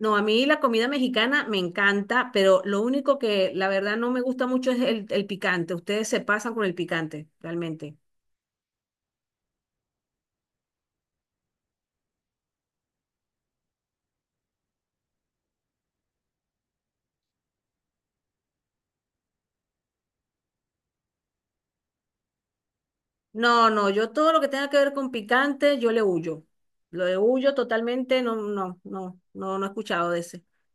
No, a mí la comida mexicana me encanta, pero lo único que la verdad no me gusta mucho es el picante. Ustedes se pasan con el picante, realmente. No, no, yo todo lo que tenga que ver con picante, yo le huyo. Lo de huyo totalmente, no, no, no, no, no he escuchado de ese.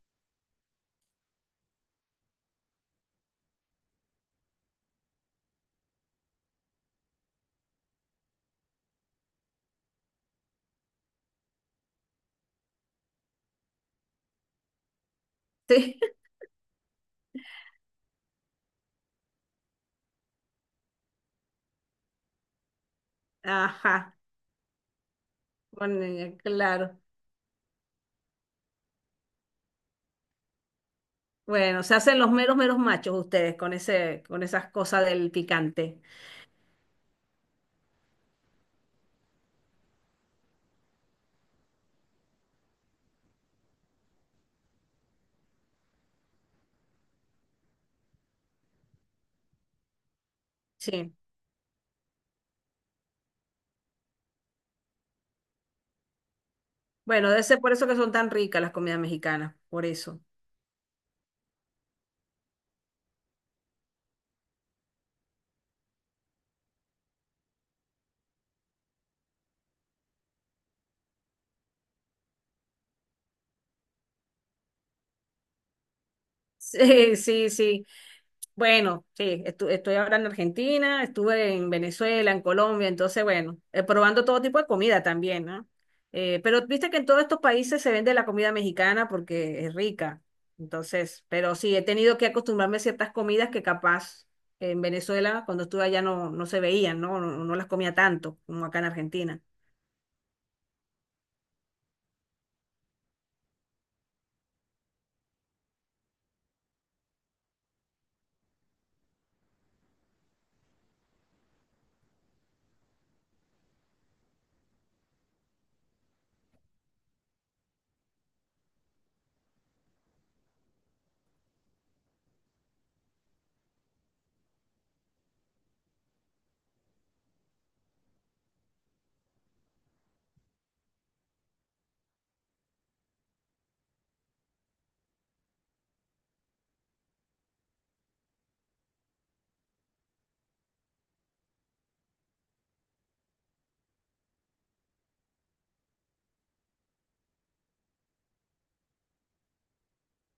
Sí, ajá, bueno, claro. Bueno, se hacen los meros, meros machos ustedes con ese, con esas cosas del picante. Sí. Bueno, debe ser por eso que son tan ricas las comidas mexicanas, por eso. Sí, sí, sí. Bueno, sí, estoy ahora en Argentina, estuve en Venezuela, en Colombia, entonces, bueno, probando todo tipo de comida también, ¿no? Pero viste que en todos estos países se vende la comida mexicana porque es rica, entonces, pero sí, he tenido que acostumbrarme a ciertas comidas que capaz en Venezuela, cuando estuve allá, no, no se veían, ¿no? No, no las comía tanto como acá en Argentina.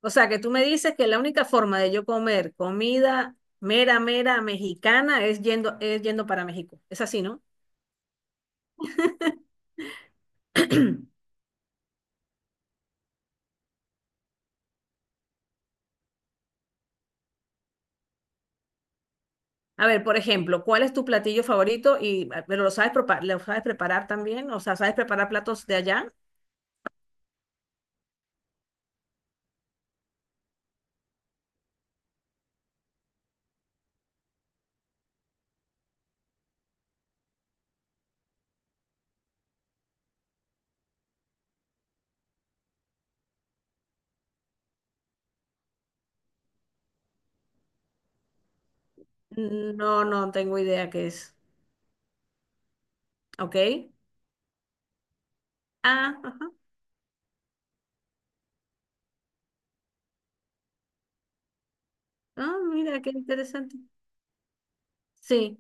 O sea, que tú me dices que la única forma de yo comer comida mera, mera mexicana es yendo para México. Es así, ¿no? A ver, por ejemplo, ¿cuál es tu platillo favorito? Y, ah, pero lo sabes, lo sabes preparar también, o sea, ¿sabes preparar platos de allá? Mm, no, no tengo idea qué es. ¿Ok? Ah, ajá. Ah, mira, qué interesante. Sí.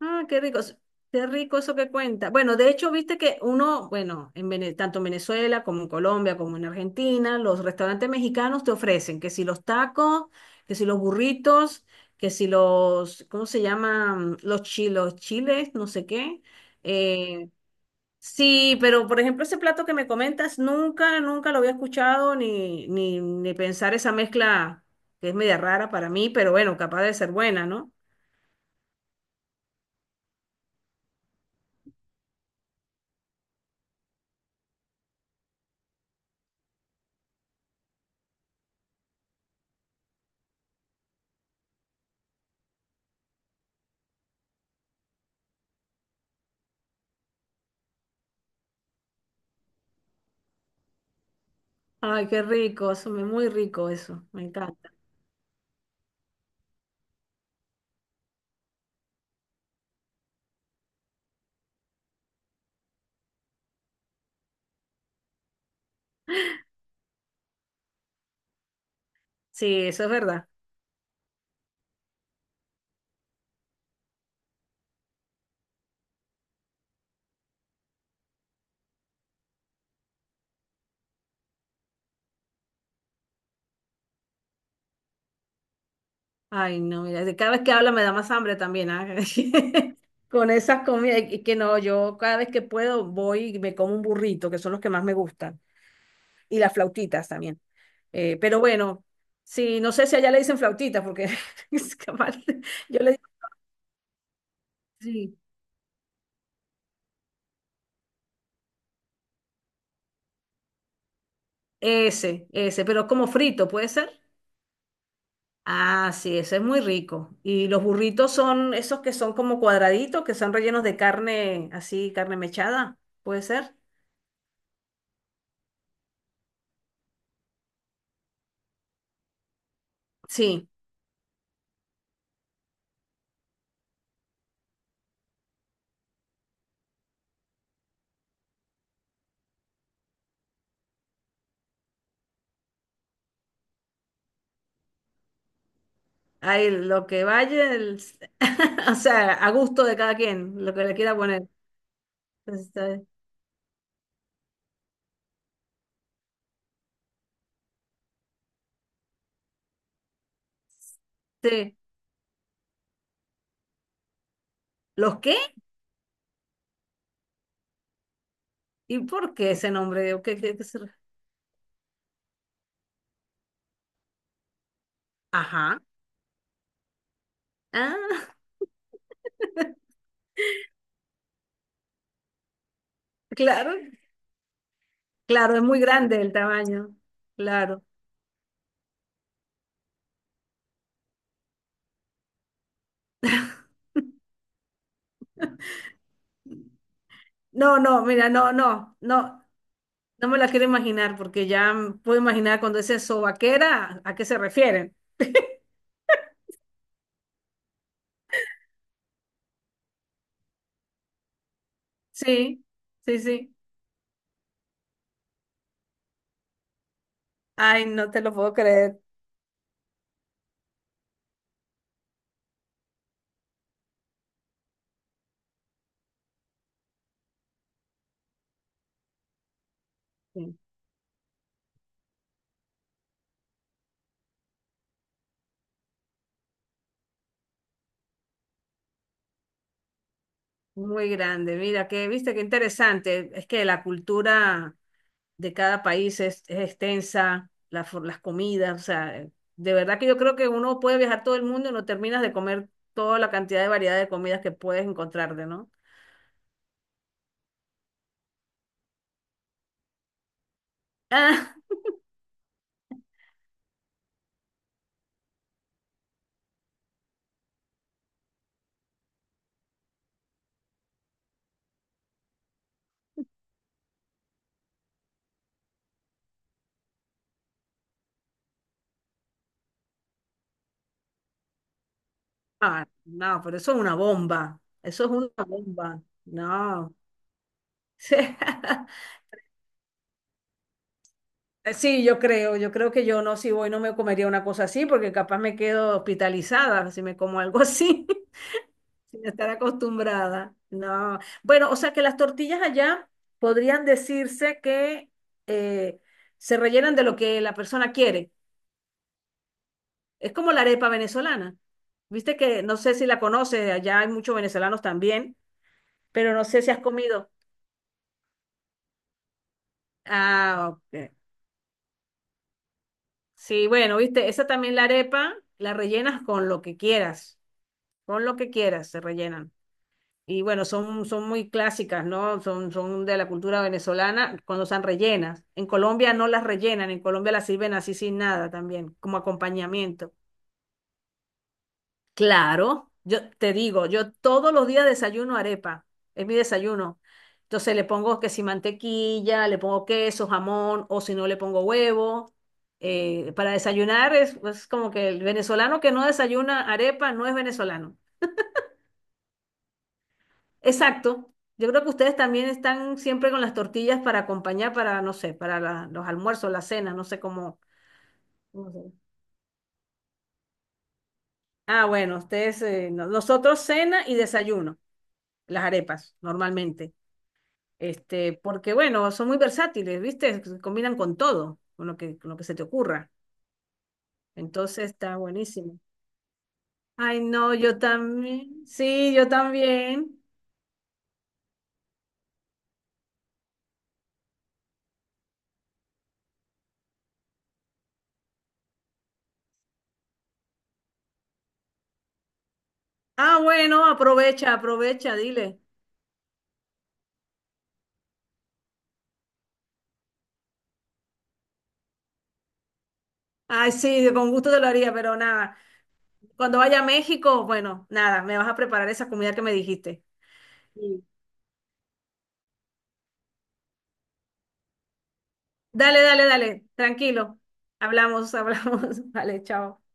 Ah, qué rico, qué rico eso que cuenta. Bueno, de hecho, viste que uno, bueno, en tanto en Venezuela como en Colombia como en Argentina, los restaurantes mexicanos te ofrecen que si los tacos, que si los burritos, que si los, ¿cómo se llaman? Los chilos, chiles, no sé qué. Eh, sí, pero por ejemplo, ese plato que me comentas, nunca, nunca lo había escuchado ni, ni, ni pensar esa mezcla que es media rara para mí, pero bueno, capaz de ser buena, ¿no? Ay, qué rico, eso me muy rico eso, me encanta. Sí, eso es verdad. Ay, no, mira, de cada vez que habla me da más hambre también, ah, con esas comidas, y que no, yo cada vez que puedo voy y me como un burrito, que son los que más me gustan, y las flautitas también. Pero bueno, sí, no sé si allá le dicen flautitas, porque es capaz, yo le digo, sí, ese, pero como frito, ¿puede ser? Ah, sí, eso es muy rico. Y los burritos son esos que son como cuadraditos, que son rellenos de carne, así, carne mechada, ¿puede ser? Sí, ahí lo que vaya, o sea, a gusto de cada quien, lo que le quiera poner. Está- Sí. ¿Los qué? ¿Y por qué ese nombre? O ¿qué, qué se ajá. Ah, claro, claro, es muy grande el tamaño. Claro. No, no, mira, no, no, no. No me la quiero imaginar porque ya puedo imaginar cuando dice sobaquera, ¿a qué se refieren? Sí, sí, sí. Ay, no te lo puedo creer. Sí, muy grande. Mira, que viste qué interesante. Es que la cultura de cada país es extensa, la las comidas, o sea, de verdad que yo creo que uno puede viajar todo el mundo y no terminas de comer toda la cantidad de variedad de comidas que puedes encontrarte, ¿no? Ah, ah, no, pero eso es una bomba. Eso es una bomba. No. Sí, yo creo que yo no, si voy no me comería una cosa así, porque capaz me quedo hospitalizada si me como algo así, sin estar acostumbrada. No. Bueno, o sea que las tortillas allá podrían decirse que eh, se rellenan de lo que la persona quiere. Es como la arepa venezolana. Viste que no sé si la conoces, allá hay muchos venezolanos también, pero no sé si has comido. Ah, ok. Sí, bueno, viste, esa también la arepa la rellenas con lo que quieras. Pon lo que quieras, se rellenan. Y bueno, son muy clásicas, ¿no? Son de la cultura venezolana cuando están rellenas. En Colombia no las rellenan, en Colombia las sirven así sin nada también, como acompañamiento. Claro, yo te digo, yo todos los días desayuno arepa, es mi desayuno. Entonces le pongo que si mantequilla, le pongo queso, jamón, o si no le pongo huevo. Para desayunar es como que el venezolano que no desayuna arepa no es venezolano. Exacto. Yo creo que ustedes también están siempre con las tortillas para acompañar, para, no sé, para los almuerzos, la cena, no sé cómo. Cómo se ah, bueno, ustedes, nosotros cena y desayuno, las arepas, normalmente. Este, porque bueno, son muy versátiles, ¿viste? Se combinan con todo, con lo que se te ocurra. Entonces está buenísimo. Ay, no, yo también. Sí, yo también. Ah, bueno, aprovecha, aprovecha, dile. Ay, sí, con gusto te lo haría, pero nada. Cuando vaya a México, bueno, nada, me vas a preparar esa comida que me dijiste. Sí. Dale, dale, dale, tranquilo. Hablamos, hablamos. Vale, chao.